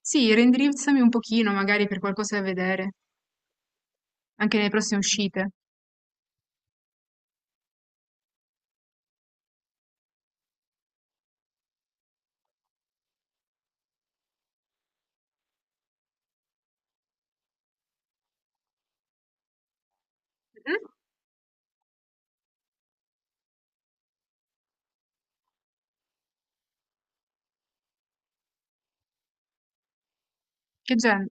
Sì, reindirizzami un pochino, magari per qualcosa da vedere, anche nelle prossime uscite. Mm? Che genere?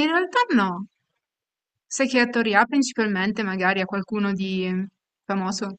In realtà no. Sai che attori ha principalmente, magari a qualcuno di famoso?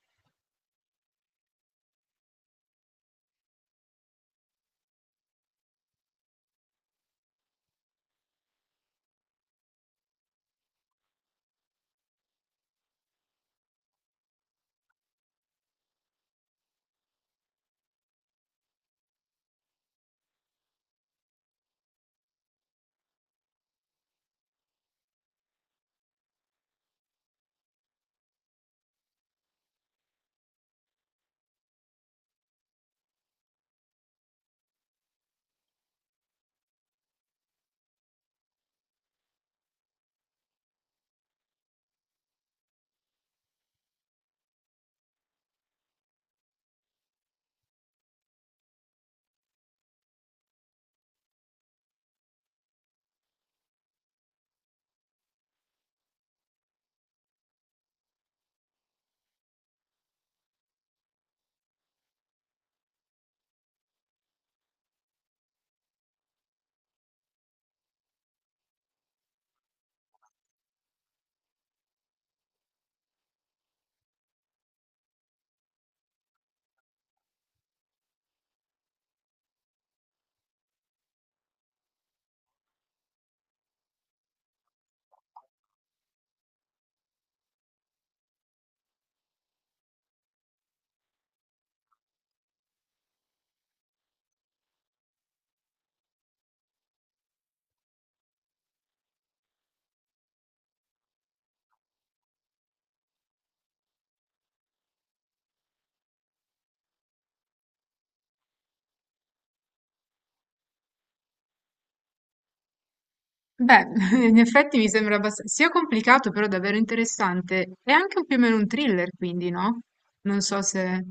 Beh, in effetti mi sembra abbastanza sia complicato, però davvero interessante. È anche un più o meno un thriller, quindi, no? Non so se...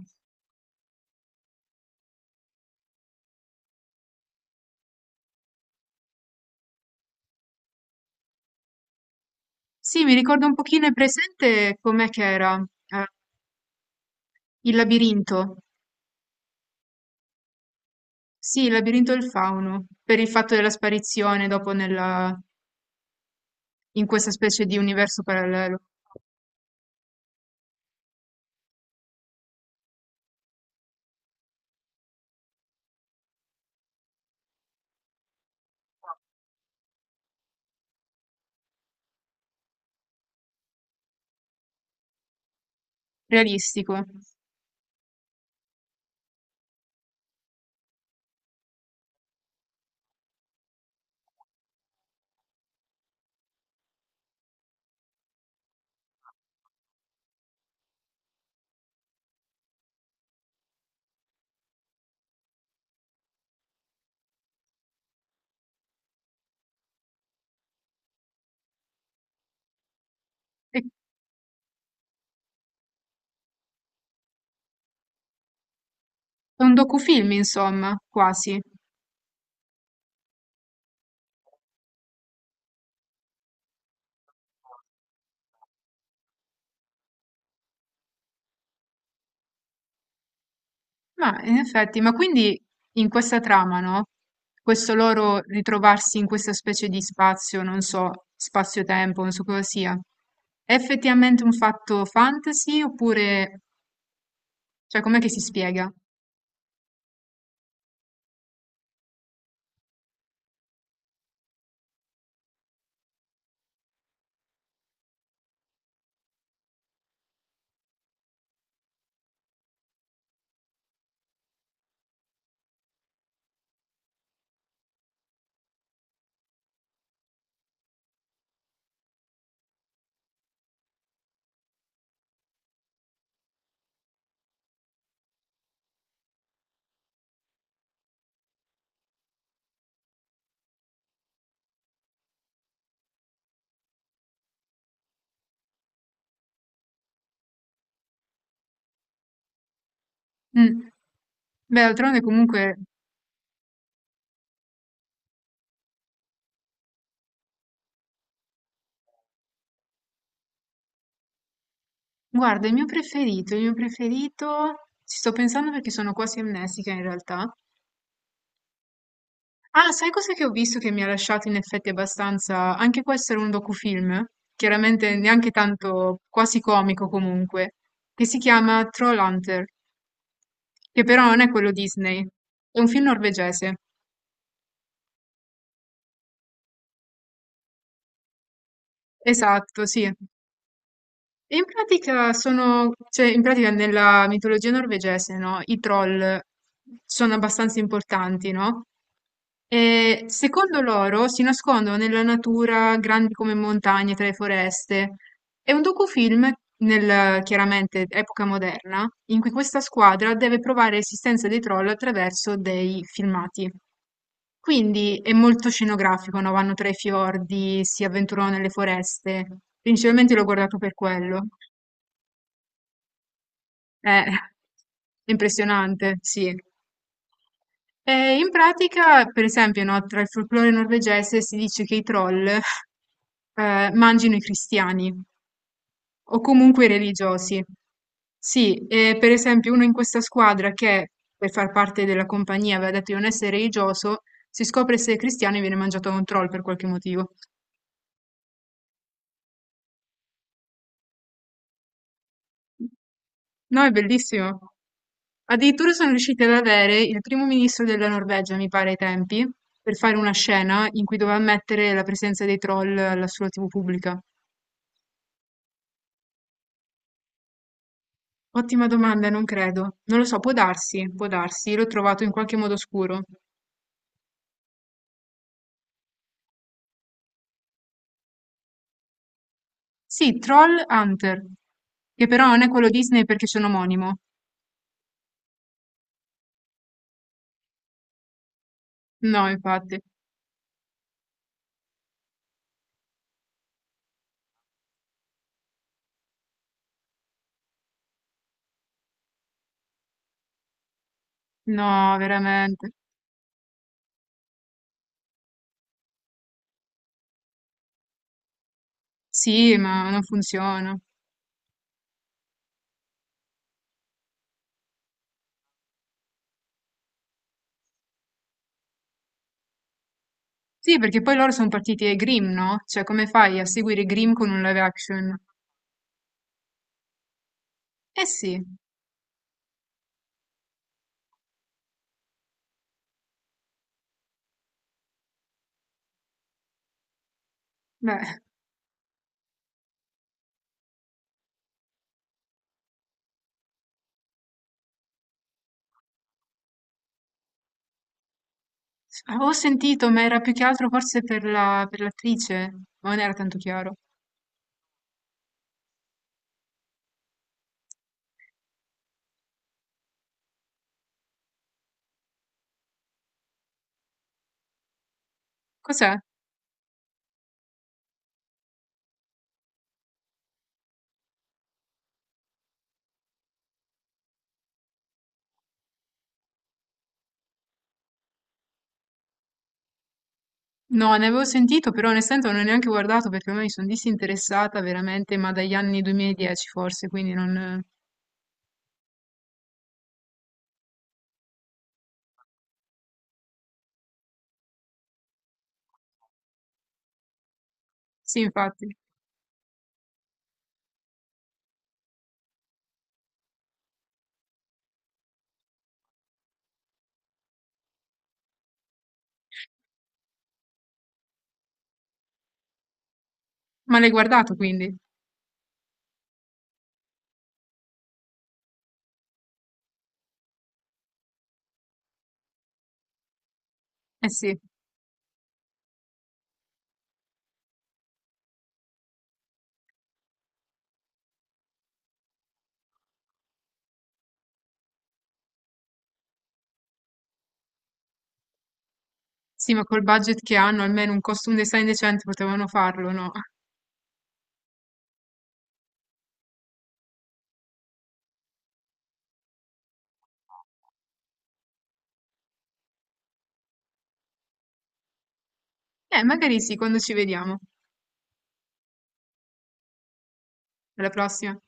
Sì, mi ricordo un pochino, è presente com'è che era? Il labirinto. Sì, il labirinto del fauno, per il fatto della sparizione dopo nella... in questa specie di universo parallelo, realistico. È un docufilm, insomma, quasi. Ma in effetti, ma quindi in questa trama, no? Questo loro ritrovarsi in questa specie di spazio, non so, spazio-tempo, non so cosa sia. È effettivamente un fatto fantasy oppure, cioè, com'è che si spiega? Mm. Beh, d'altronde comunque, guarda, il mio preferito, ci sto pensando perché sono quasi amnestica in realtà. Ah, sai cosa che ho visto che mi ha lasciato in effetti abbastanza? Anche questo era un docufilm, chiaramente neanche tanto quasi comico comunque, che si chiama Trollhunter, che però non è quello Disney, è un film norvegese. Esatto, sì. E in pratica cioè in pratica nella mitologia norvegese, no, i troll sono abbastanza importanti, no? E secondo loro si nascondono nella natura, grandi come montagne, tra le foreste. È un docufilm, nel, chiaramente epoca moderna, in cui questa squadra deve provare l'esistenza dei troll attraverso dei filmati. Quindi è molto scenografico, no? Vanno tra i fiordi, si avventurano nelle foreste. Principalmente l'ho guardato per quello. È impressionante, sì. E in pratica, per esempio, no, tra il folklore norvegese si dice che i troll mangino i cristiani o comunque i religiosi. Sì, e per esempio uno in questa squadra che per far parte della compagnia aveva detto di non essere religioso, si scopre essere cristiano e viene mangiato da un troll per qualche motivo. No, è bellissimo. Addirittura sono riusciti ad avere il primo ministro della Norvegia, mi pare ai tempi, per fare una scena in cui doveva ammettere la presenza dei troll alla sua TV pubblica. Ottima domanda, non credo. Non lo so, può darsi, l'ho trovato in qualche modo oscuro. Sì, Troll Hunter, che però non è quello Disney perché sono omonimo. No, infatti. No, veramente. Sì, ma non funziona. Sì, perché poi loro sono partiti ai Grimm, no? Cioè, come fai a seguire Grimm con un live action? Eh sì, beh, avevo sentito, ma era più che altro forse per la, per l'attrice, ma non era tanto chiaro. Cos'è? No, ne avevo sentito, però onestamente non ho neanche guardato perché ormai mi sono disinteressata veramente, ma dagli anni 2010 forse, quindi non... Sì, infatti. Ma l'hai guardato quindi? Eh sì. Sì, ma col budget che hanno, almeno un costume design decente potevano farlo, no? Magari sì, quando ci vediamo. Alla prossima.